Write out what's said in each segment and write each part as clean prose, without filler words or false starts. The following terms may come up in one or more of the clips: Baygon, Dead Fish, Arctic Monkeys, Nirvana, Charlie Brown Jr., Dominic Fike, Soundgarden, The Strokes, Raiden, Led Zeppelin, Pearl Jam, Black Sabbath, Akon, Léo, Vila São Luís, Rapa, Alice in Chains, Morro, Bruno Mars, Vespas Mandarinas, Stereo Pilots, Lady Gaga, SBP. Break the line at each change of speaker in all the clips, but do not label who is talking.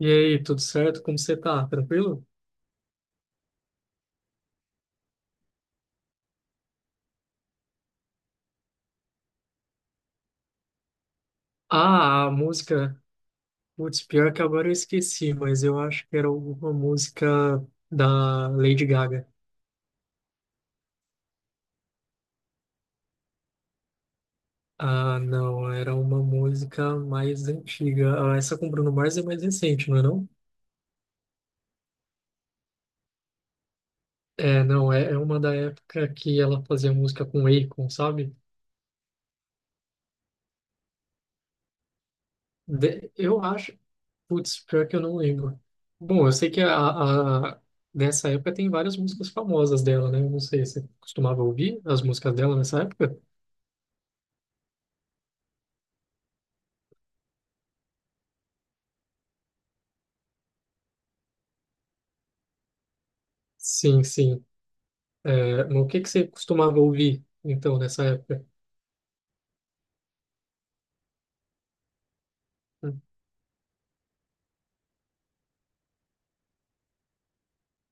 E aí, tudo certo? Como você tá? Tranquilo? Ah, a música. Putz, pior que agora eu esqueci, mas eu acho que era alguma música da Lady Gaga. Ah, não, era uma música mais antiga. Ah, essa com Bruno Mars é mais recente, não é não? É, uma da época que ela fazia música com Akon, sabe? Eu acho. Putz, pior que eu não lembro. Bom, eu sei que dessa época tem várias músicas famosas dela, né? Eu não sei, você costumava ouvir as músicas dela nessa época? Sim, sim. Mas o que que você costumava ouvir, então, nessa época? Hum.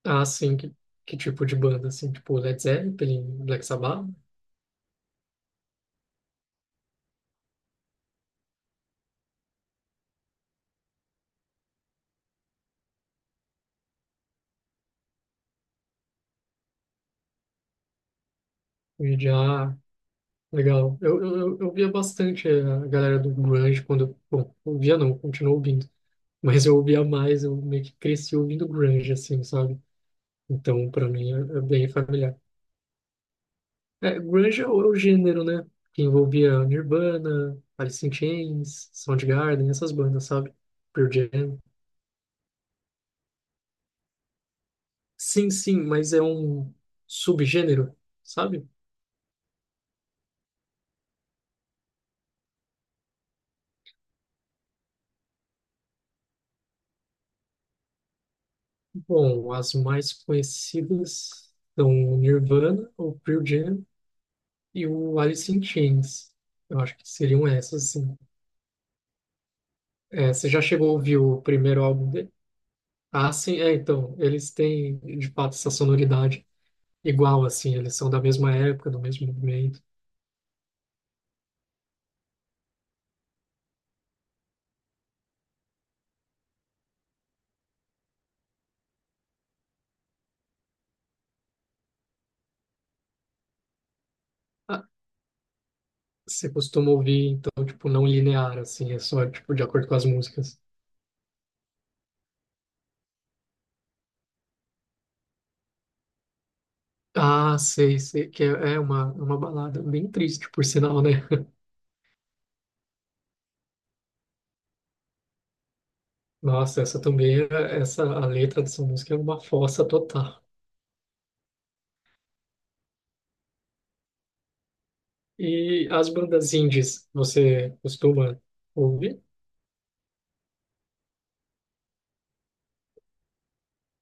Ah, sim, que tipo de banda, assim? Tipo Led Zeppelin, Black Sabbath? Já legal. Eu via bastante a galera do grunge Bom, eu via não, continuo ouvindo. Mas eu ouvia mais, eu meio que cresci ouvindo grunge, assim, sabe? Então, para mim, é bem familiar. Grunge é é o gênero, né? Que envolvia Nirvana, Alice in Chains, Soundgarden, essas bandas, sabe? Pearl Jam. Sim, sim, mas é um subgênero, sabe? Bom, as mais conhecidas são Nirvana ou Pearl Jam, e o Alice in Chains. Eu acho que seriam essas, sim. É, você já chegou a ouvir o primeiro álbum dele? Ah, sim, então, eles têm, de fato, essa sonoridade igual, assim, eles são da mesma época, do mesmo movimento. Ah, você costuma ouvir, então, tipo, não linear, assim, é só, tipo, de acordo com as músicas. Ah, sei, sei, é uma balada bem triste, por sinal, né? Nossa, essa também, essa, a letra dessa música é uma fossa total. E as bandas indies, você costuma ouvir?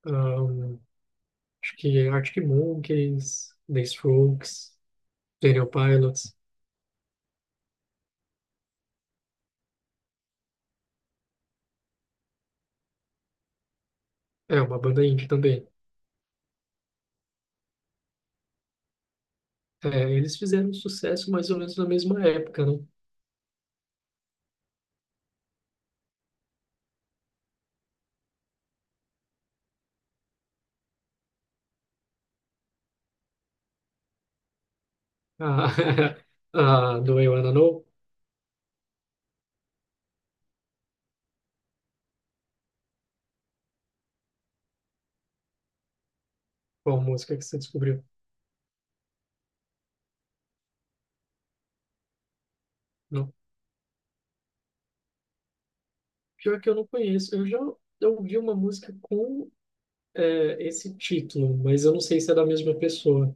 Ahn, Acho que Arctic Monkeys, The Strokes, Stereo Pilots. É uma banda indie também. É, eles fizeram sucesso mais ou menos na mesma época, né? A, a do I Wanna Know, qual música que você descobriu? Não. Pior que eu não conheço. Eu ouvi uma música com esse título, mas eu não sei se é da mesma pessoa.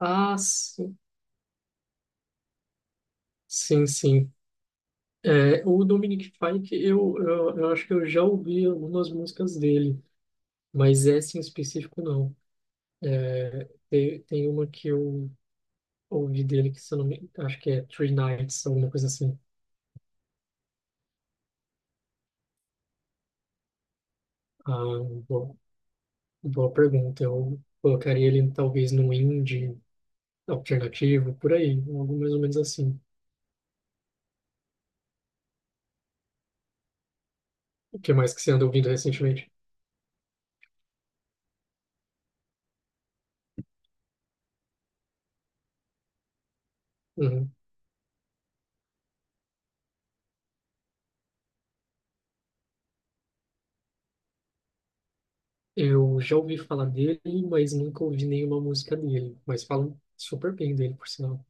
Ah, sim, sim, sim. É, o Dominic Fike, eu acho que eu já ouvi algumas músicas dele, mas essa em específico não. É, Tem, tem uma que eu ouvi dele que, se eu não me acho que é Three Nights, alguma coisa assim. Ah, boa, boa pergunta. Eu colocaria ele talvez no indie alternativo, por aí, algo mais ou menos assim. O que mais que você anda ouvindo recentemente? Uhum. Eu já ouvi falar dele, mas nunca ouvi nenhuma música dele, mas falam super bem dele, por sinal.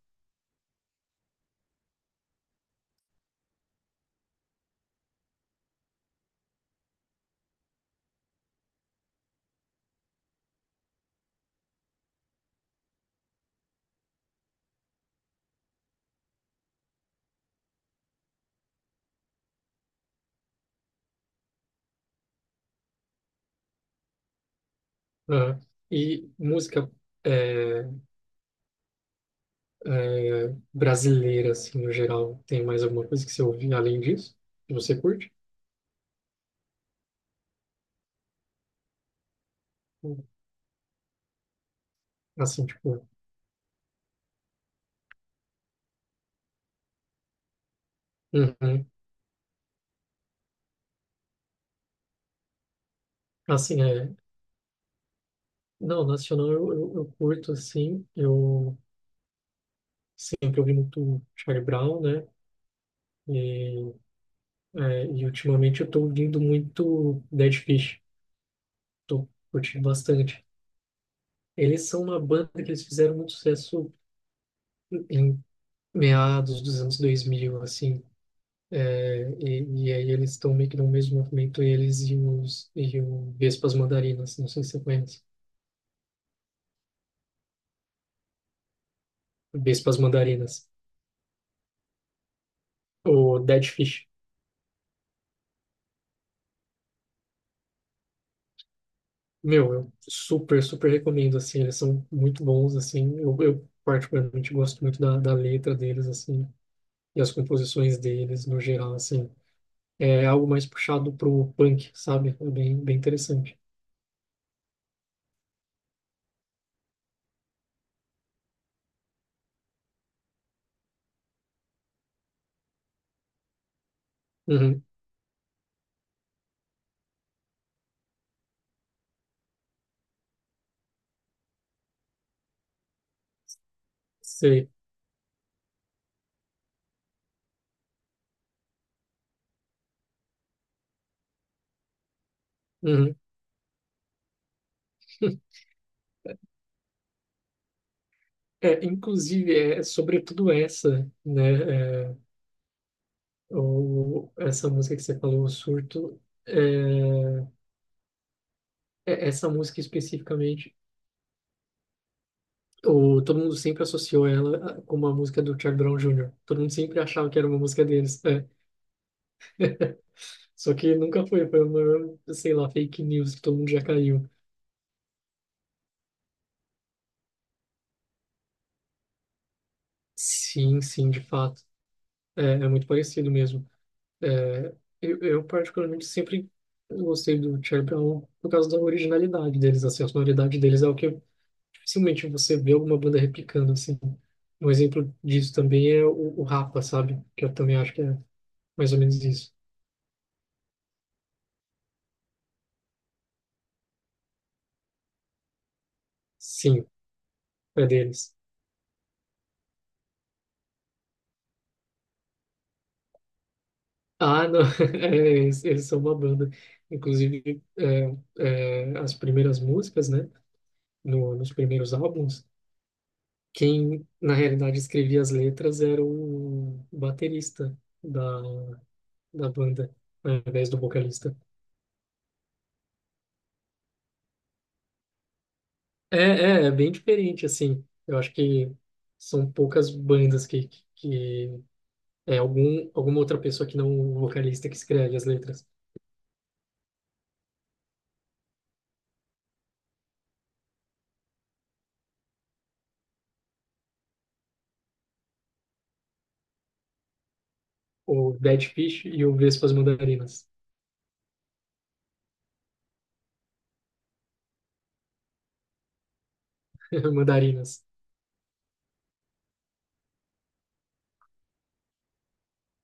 Aham. E música é, é, brasileira, assim, no geral, tem mais alguma coisa que você ouve além disso? Que você curte? Assim, tipo, uhum. Assim, é. Não, nacional eu curto, assim, eu sempre ouvi muito Charlie Brown, né? E, é, e ultimamente eu tô ouvindo muito Dead Fish, tô curtindo bastante. Eles são uma banda que eles fizeram muito sucesso em meados dos anos 2000 assim. E aí eles estão meio que no mesmo movimento, eles e os e o Vespas Mandarinas, não sei se você conhece. Vespas Mandarinas, o Dead Fish. Meu, eu super, super recomendo, assim, eles são muito bons, assim, eu particularmente gosto muito da letra deles, assim, e as composições deles, no geral, assim. É algo mais puxado pro punk, sabe? É bem, bem interessante. Uhum, sei. Uhum. É, inclusive, é sobretudo essa, né? Ou essa música que você falou, o surto, é, essa música especificamente, todo mundo sempre associou ela com uma música do Charlie Brown Jr. Todo mundo sempre achava que era uma música deles. É. Só que nunca foi, foi uma, sei lá, fake news que todo mundo já caiu. Sim, sim, de fato. É, é muito parecido mesmo. É, eu particularmente sempre gostei do Charlie Brown por causa da originalidade deles, assim, a sonoridade deles é o que dificilmente você vê alguma banda replicando, assim. Um exemplo disso também é o Rapa, sabe? Que eu também acho que é mais ou menos isso. Sim, é deles. Ah, não, é, eles são uma banda. Inclusive, as primeiras músicas, né? No, Nos primeiros álbuns, quem na realidade escrevia as letras era o baterista da, da banda, né, ao invés do vocalista. É bem diferente, assim. Eu acho que são poucas bandas é algum, alguma outra pessoa que não o vocalista que escreve as letras. O Dead Fish e o Vespas Mandarinas. Mandarinas.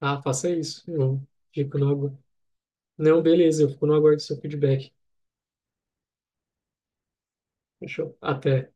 Ah, faça isso. Eu fico no agu... Não, beleza, eu fico no aguardo do seu feedback. Fechou. Até.